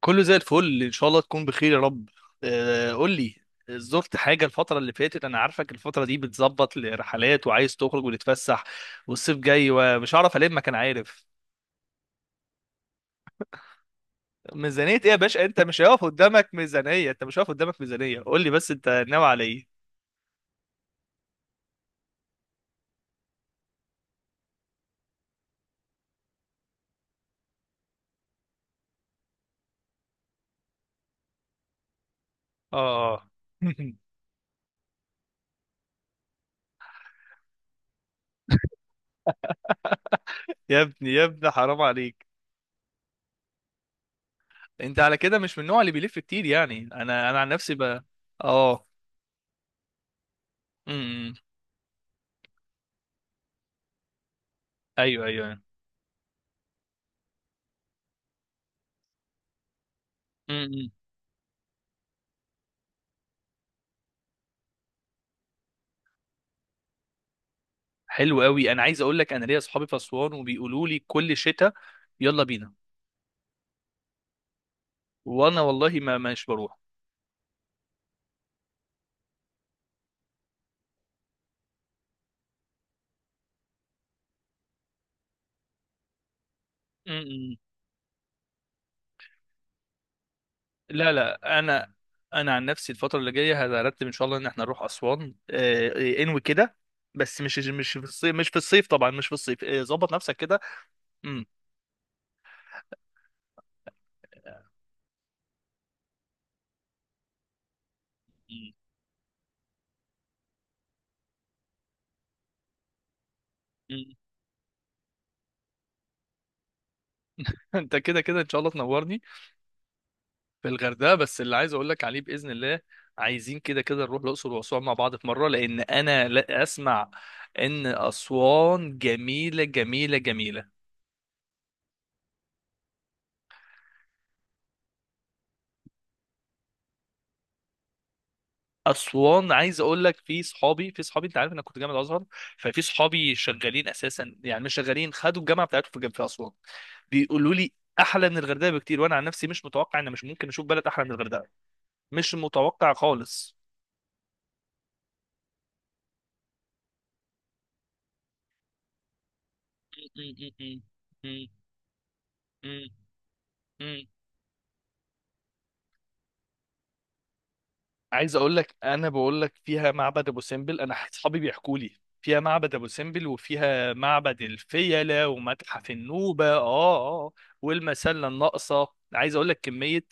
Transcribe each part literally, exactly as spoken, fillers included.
كله زي الفل ان شاء الله تكون بخير يا رب. آه، قول لي، زرت حاجة الفترة اللي فاتت؟ انا عارفك الفترة دي بتظبط لرحلات وعايز تخرج وتتفسح، والصيف جاي ومش هعرف الم كان عارف. ميزانية ايه يا باشا؟ انت مش هيقف قدامك ميزانية، انت مش هيقف قدامك ميزانية، قول لي بس انت ناوي على ايه. اه. يا ابني يا ابني حرام عليك. انت على كده مش من النوع اللي بيلف كتير، يعني انا انا عن نفسي ب... اه. امم. ايوه ايوه. حلو قوي. انا عايز اقول لك، انا ليا اصحابي في اسوان وبيقولوا لي كل شتاء يلا بينا، وانا والله ما مش بروح. م- م. لا لا، انا انا عن نفسي الفتره اللي جايه هرتب ان شاء الله ان احنا نروح اسوان. آه، آه، انوي كده، بس مش مش في الصيف، مش في الصيف طبعا، مش في الصيف. آه، ظبط نفسك كده. م- م- م. انت كده كده ان شاء الله تنورني. في الغردقه بس اللي عايز اقول لك عليه باذن الله، عايزين كده كده نروح الاقصر واسوان مع بعض في مره، لان انا لا اسمع ان اسوان جميله جميله جميله. اسوان، عايز اقول لك، في صحابي في صحابي انت عارف انا كنت جامعه ازهر، ففي صحابي شغالين اساسا، يعني مش شغالين، خدوا الجامعه بتاعتهم في جنب في اسوان. بيقولوا لي احلى من الغردقه بكتير، وانا عن نفسي مش متوقع ان مش ممكن اشوف بلد احلى من الغردقه، مش متوقع خالص. عايز اقول لك انا بقول لك فيها معبد ابو سمبل، انا اصحابي بيحكوا لي فيها معبد ابو سمبل، وفيها معبد الفيلة ومتحف النوبة. اه اه آه، والمسلة الناقصة. عايز اقول لك كمية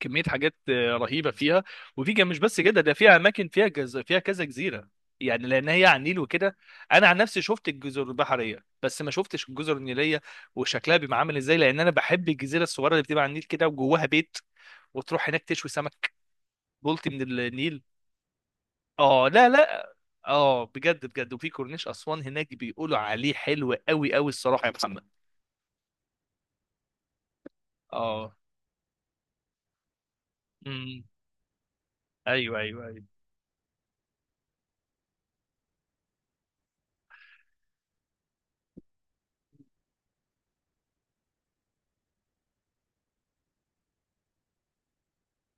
كمية حاجات آه، رهيبة فيها. وفي كان مش بس كده، ده فيها اماكن فيها جز... فيها كذا جزيرة، يعني لان هي على النيل وكده. انا عن نفسي شفت الجزر البحرية بس ما شفتش الجزر النيلية، وشكلها بيبقى عامل ازاي؟ لان انا بحب الجزيرة الصغيرة اللي بتبقى على النيل كده وجواها بيت، وتروح هناك تشوي سمك بلطي من النيل. اه لا لا. اه بجد بجد، وفي كورنيش اسوان هناك بيقولوا عليه حلو قوي قوي الصراحه يا محمد. اه. امم. ايوه ايوه ايوه.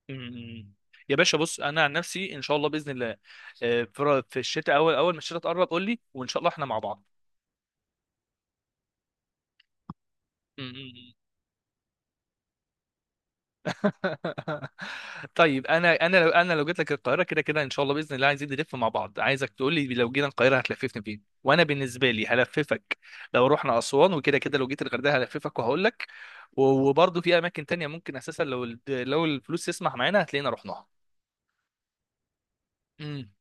امم. يا باشا بص، انا عن نفسي ان شاء الله باذن الله آه، في في الشتاء، اول اول ما الشتاء تقرب قول لي، وان شاء الله احنا مع بعض. امم. طيب انا انا لو انا لو جيت لك القاهره كده كده ان شاء الله باذن الله، عايزين نلف مع بعض. عايزك تقول لي لو جينا القاهره هتلففني فين، وانا بالنسبه لي هلففك لو رحنا اسوان، وكده كده لو جيت الغردقه هلففك وهقول لك. وبرضه في اماكن تانية ممكن اساسا، لو ال- لو الفلوس تسمح معانا هتلاقينا رحناها. امم.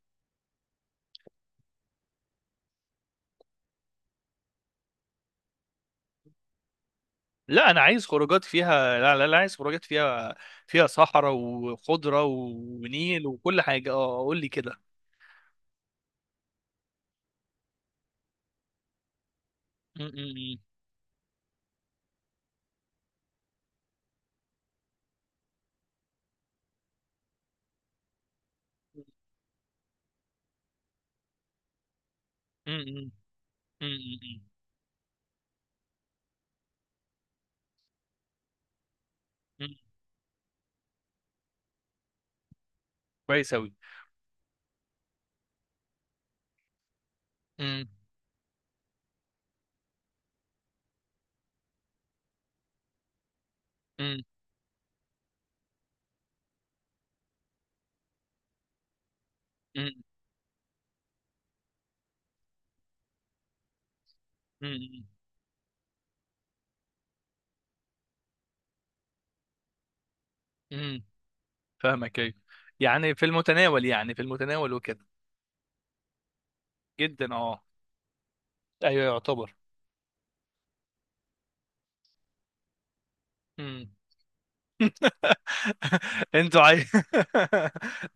لا انا عايز خروجات فيها، لا لا لا، عايز خروجات فيها، فيها صحراء وخضره ونيل وكل حاجه. اه قول لي كده. أمم، أمم، أمم، أمم، أمم، أمم. كويس أوي. امم امم امم امم امم. فاهمك ايوه، يعني في المتناول، يعني في المتناول وكده. جدا اه. ايوه يعتبر. امم. انتوا عاي...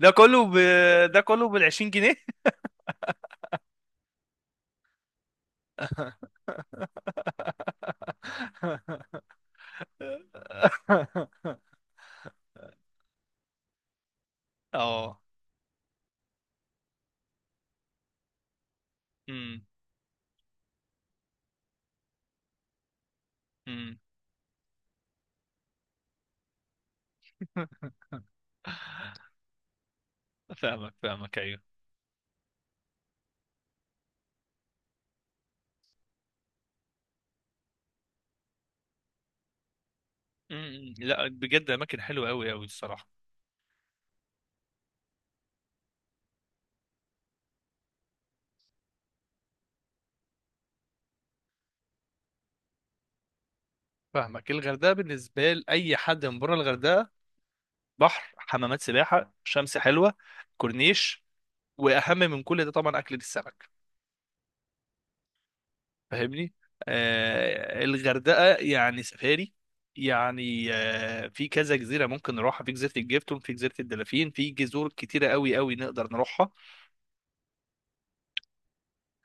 ده كله ب... ده كله بال عشرين جنيه. اه. امم امم. فاهمك فاهمك ايوه. امم. لا بجد، اماكن حلوه قوي قوي الصراحه. فاهمك، الغردقه بالنسبه لاي حد من بره الغردقه: بحر، حمامات سباحه، شمس حلوه، كورنيش، واهم من كل ده طبعا اكله السمك. فاهمني. آه الغردقه يعني سفاري، يعني آه في كذا جزيره ممكن نروحها، في جزيره الجيفتون، في جزيره الدلافين، في جزر كتيره قوي قوي نقدر نروحها.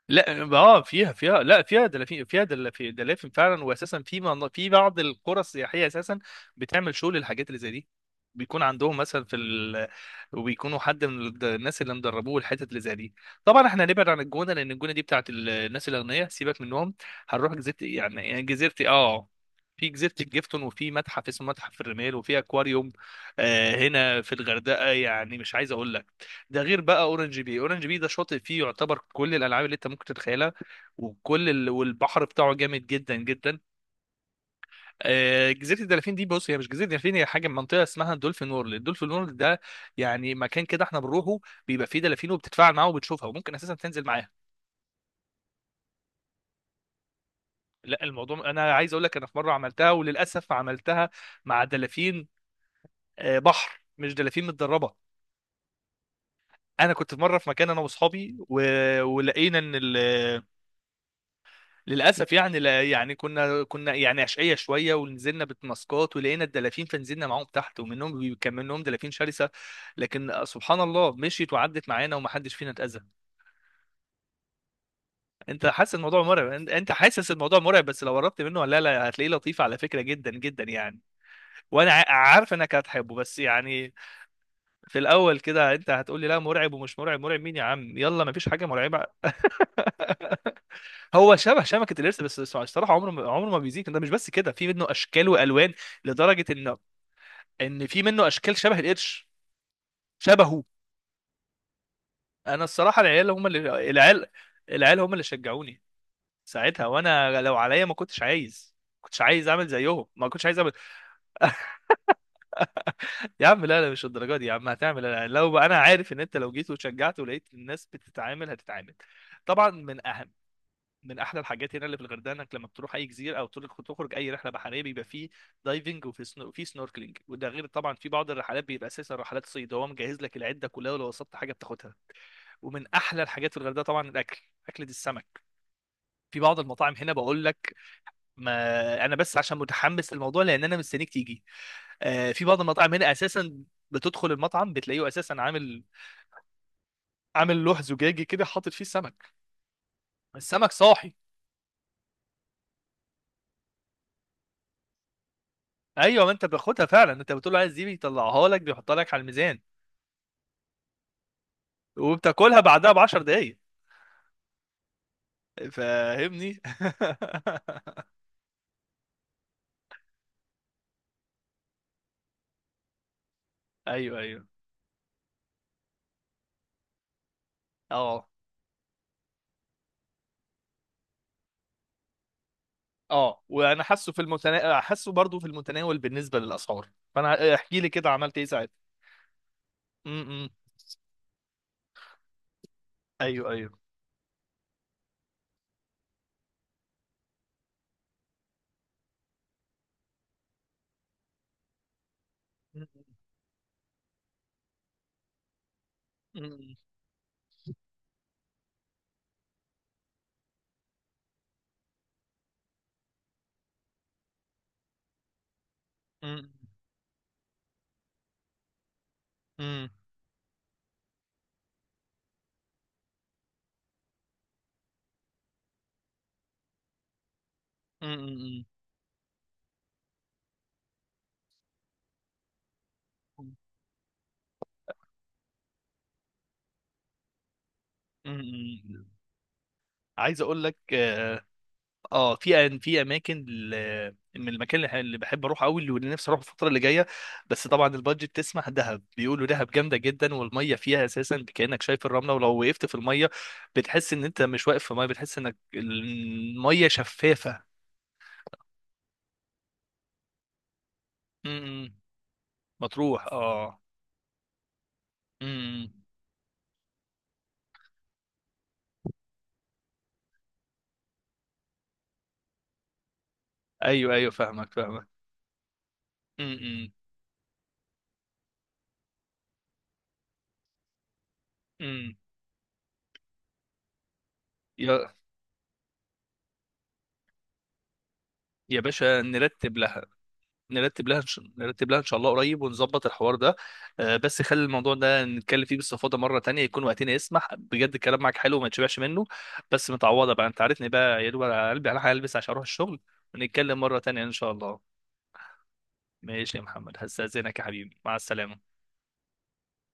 لا اه فيها فيها لا فيها دلافين، فيها دلافين دلافين فعلا، واساسا في من- في بعض القرى السياحيه اساسا بتعمل شغل الحاجات اللي زي دي، بيكون عندهم مثلا في ال... وبيكونوا حد من الد- الناس اللي مدربوه الحتت اللي زي دي. طبعا احنا هنبعد عن الجونه، لان الجونه دي بتاعت ال- الناس الاغنياء، سيبك منهم. هنروح جزيره، يعني يعني جزيره اه. في جزيره الجيفتون، وفي متحف اسمه متحف الرمال، وفي اكواريوم. آه هنا في الغردقه، يعني مش عايز اقول لك، ده غير بقى اورنج بي، اورنج بي ده شاطئ فيه يعتبر كل الالعاب اللي انت ممكن تتخيلها. وكل ال... والبحر بتاعه جامد جدا جدا. آه، جزيره الدلافين دي، بص، هي مش جزيره الدلافين، هي حاجه منطقه اسمها دولفين وورلد. الدولفين وورلد ده يعني مكان كده احنا بنروحه، بيبقى فيه دلافين وبتتفاعل معاها وبتشوفها وممكن اساسا تنزل معاها. لا، الموضوع، انا عايز اقول لك انا في مره عملتها وللاسف عملتها مع دلافين. آه، بحر مش دلافين متدربه. انا كنت في مره في مكان انا واصحابي و... ولقينا ان ال... للاسف يعني لا يعني كنا كنا يعني عشقيه شويه، ونزلنا بتماسكات ولقينا الدلافين، فنزلنا معاهم تحت، ومنهم بي- كان منهم دلافين شرسه، لكن سبحان الله مشيت وعدت معانا ومحدش فينا اتاذى. انت حاسس الموضوع مرعب؟ انت أنت حاسس الموضوع مرعب، بس لو قربت منه لا لا هتلاقيه لطيف على فكره جدا جدا يعني. وانا ع- عارف انك هتحبه، بس يعني في الاول كده انت هتقول لي لا مرعب، ومش مرعب، مرعب مين يا عم؟ يلا مفيش حاجه مرعبه. هو شبه شبكة القرش، بس بس الصراحة عمره ما عمره ما بيزيد. ده مش بس كده، في منه أشكال وألوان، لدرجة إن إن في منه أشكال شبه القرش، شبهه. أنا الصراحة، العيال هم اللي العيال العيال هم اللي شجعوني ساعتها. وأنا لو عليا ما كنتش عايز، ما كنتش عايز أعمل زيهم، ما كنتش عايز أعمل. يا عم لا لا مش الدرجة دي، يا عم هتعمل، لا لا. لو أنا عارف إن أنت لو جيت وشجعت ولقيت الناس بتتعامل هتتعامل. طبعا من أهم، من احلى الحاجات هنا اللي في الغردقه، انك لما بتروح اي جزيره او تروح- تخرج اي رحله بحريه بيبقى فيه دايفنج، وفي سنو... وفي سنوركلينج، وده غير طبعا في بعض الرحلات بيبقى اساسا رحلات صيد، هو مجهز لك العده كلها ولو وصلت حاجه بتاخدها. ومن احلى الحاجات في الغردقه طبعا الاكل، اكله السمك. في بعض المطاعم هنا بقول لك، ما انا بس عشان متحمس للموضوع لان انا مستنيك تيجي. آه، في بعض المطاعم هنا اساسا بتدخل المطعم بتلاقيه اساسا عامل عامل، لوح زجاجي كده حاطط فيه سمك، السمك صاحي. ايوه، ما انت بتاخدها فعلا، انت بتقول له عايز دي، بيطلعها لك بيحطها لك على الميزان، وبتاكلها بعدها ب 10 دقايق. فاهمني. ايوه ايوه. اه اه. وانا حاسه في المتنا... حاسه برضو في المتناول بالنسبه للاسعار. فانا احكي لي كده عملت ايه ساعتها. امم. ايوه ايوه. أمم، أمم، أمم، أمم، أمم، أمم. عايز اقول لك آه، اه في أن- في اماكن ل- من المكان اللي ح- اللي بحب اروح قوي، اللي واللي نفسي اروح الفتره اللي جايه، بس طبعا البادجت تسمح. دهب، بيقولوا دهب جامده جدا، والميه فيها اساسا كانك شايف الرمله، ولو وقفت في الميه بتحس ان انت مش واقف في ميه، بتحس انك الميه شفافه. امم إمم. مطروح اه. امم إمم. ايوه ايوه فاهمك فاهمك. امم امم إمم. يا يا باشا نرتب لها، نرتب لها إن شاء- نرتب لها ان شاء الله قريب ونظبط الحوار ده. آه، بس خلي الموضوع ده نتكلم فيه باستفاضه مره تانية يكون وقتنا يسمح، بجد الكلام معاك حلو وما تشبعش منه. بس متعوضه بقى، انت عارفني بقى يا دوب على قلبي، انا هلبس عشان اروح الشغل، ونتكلم مره تانية ان شاء الله. ماشي يا محمد، هستاذنك يا حبيبي، مع السلامه.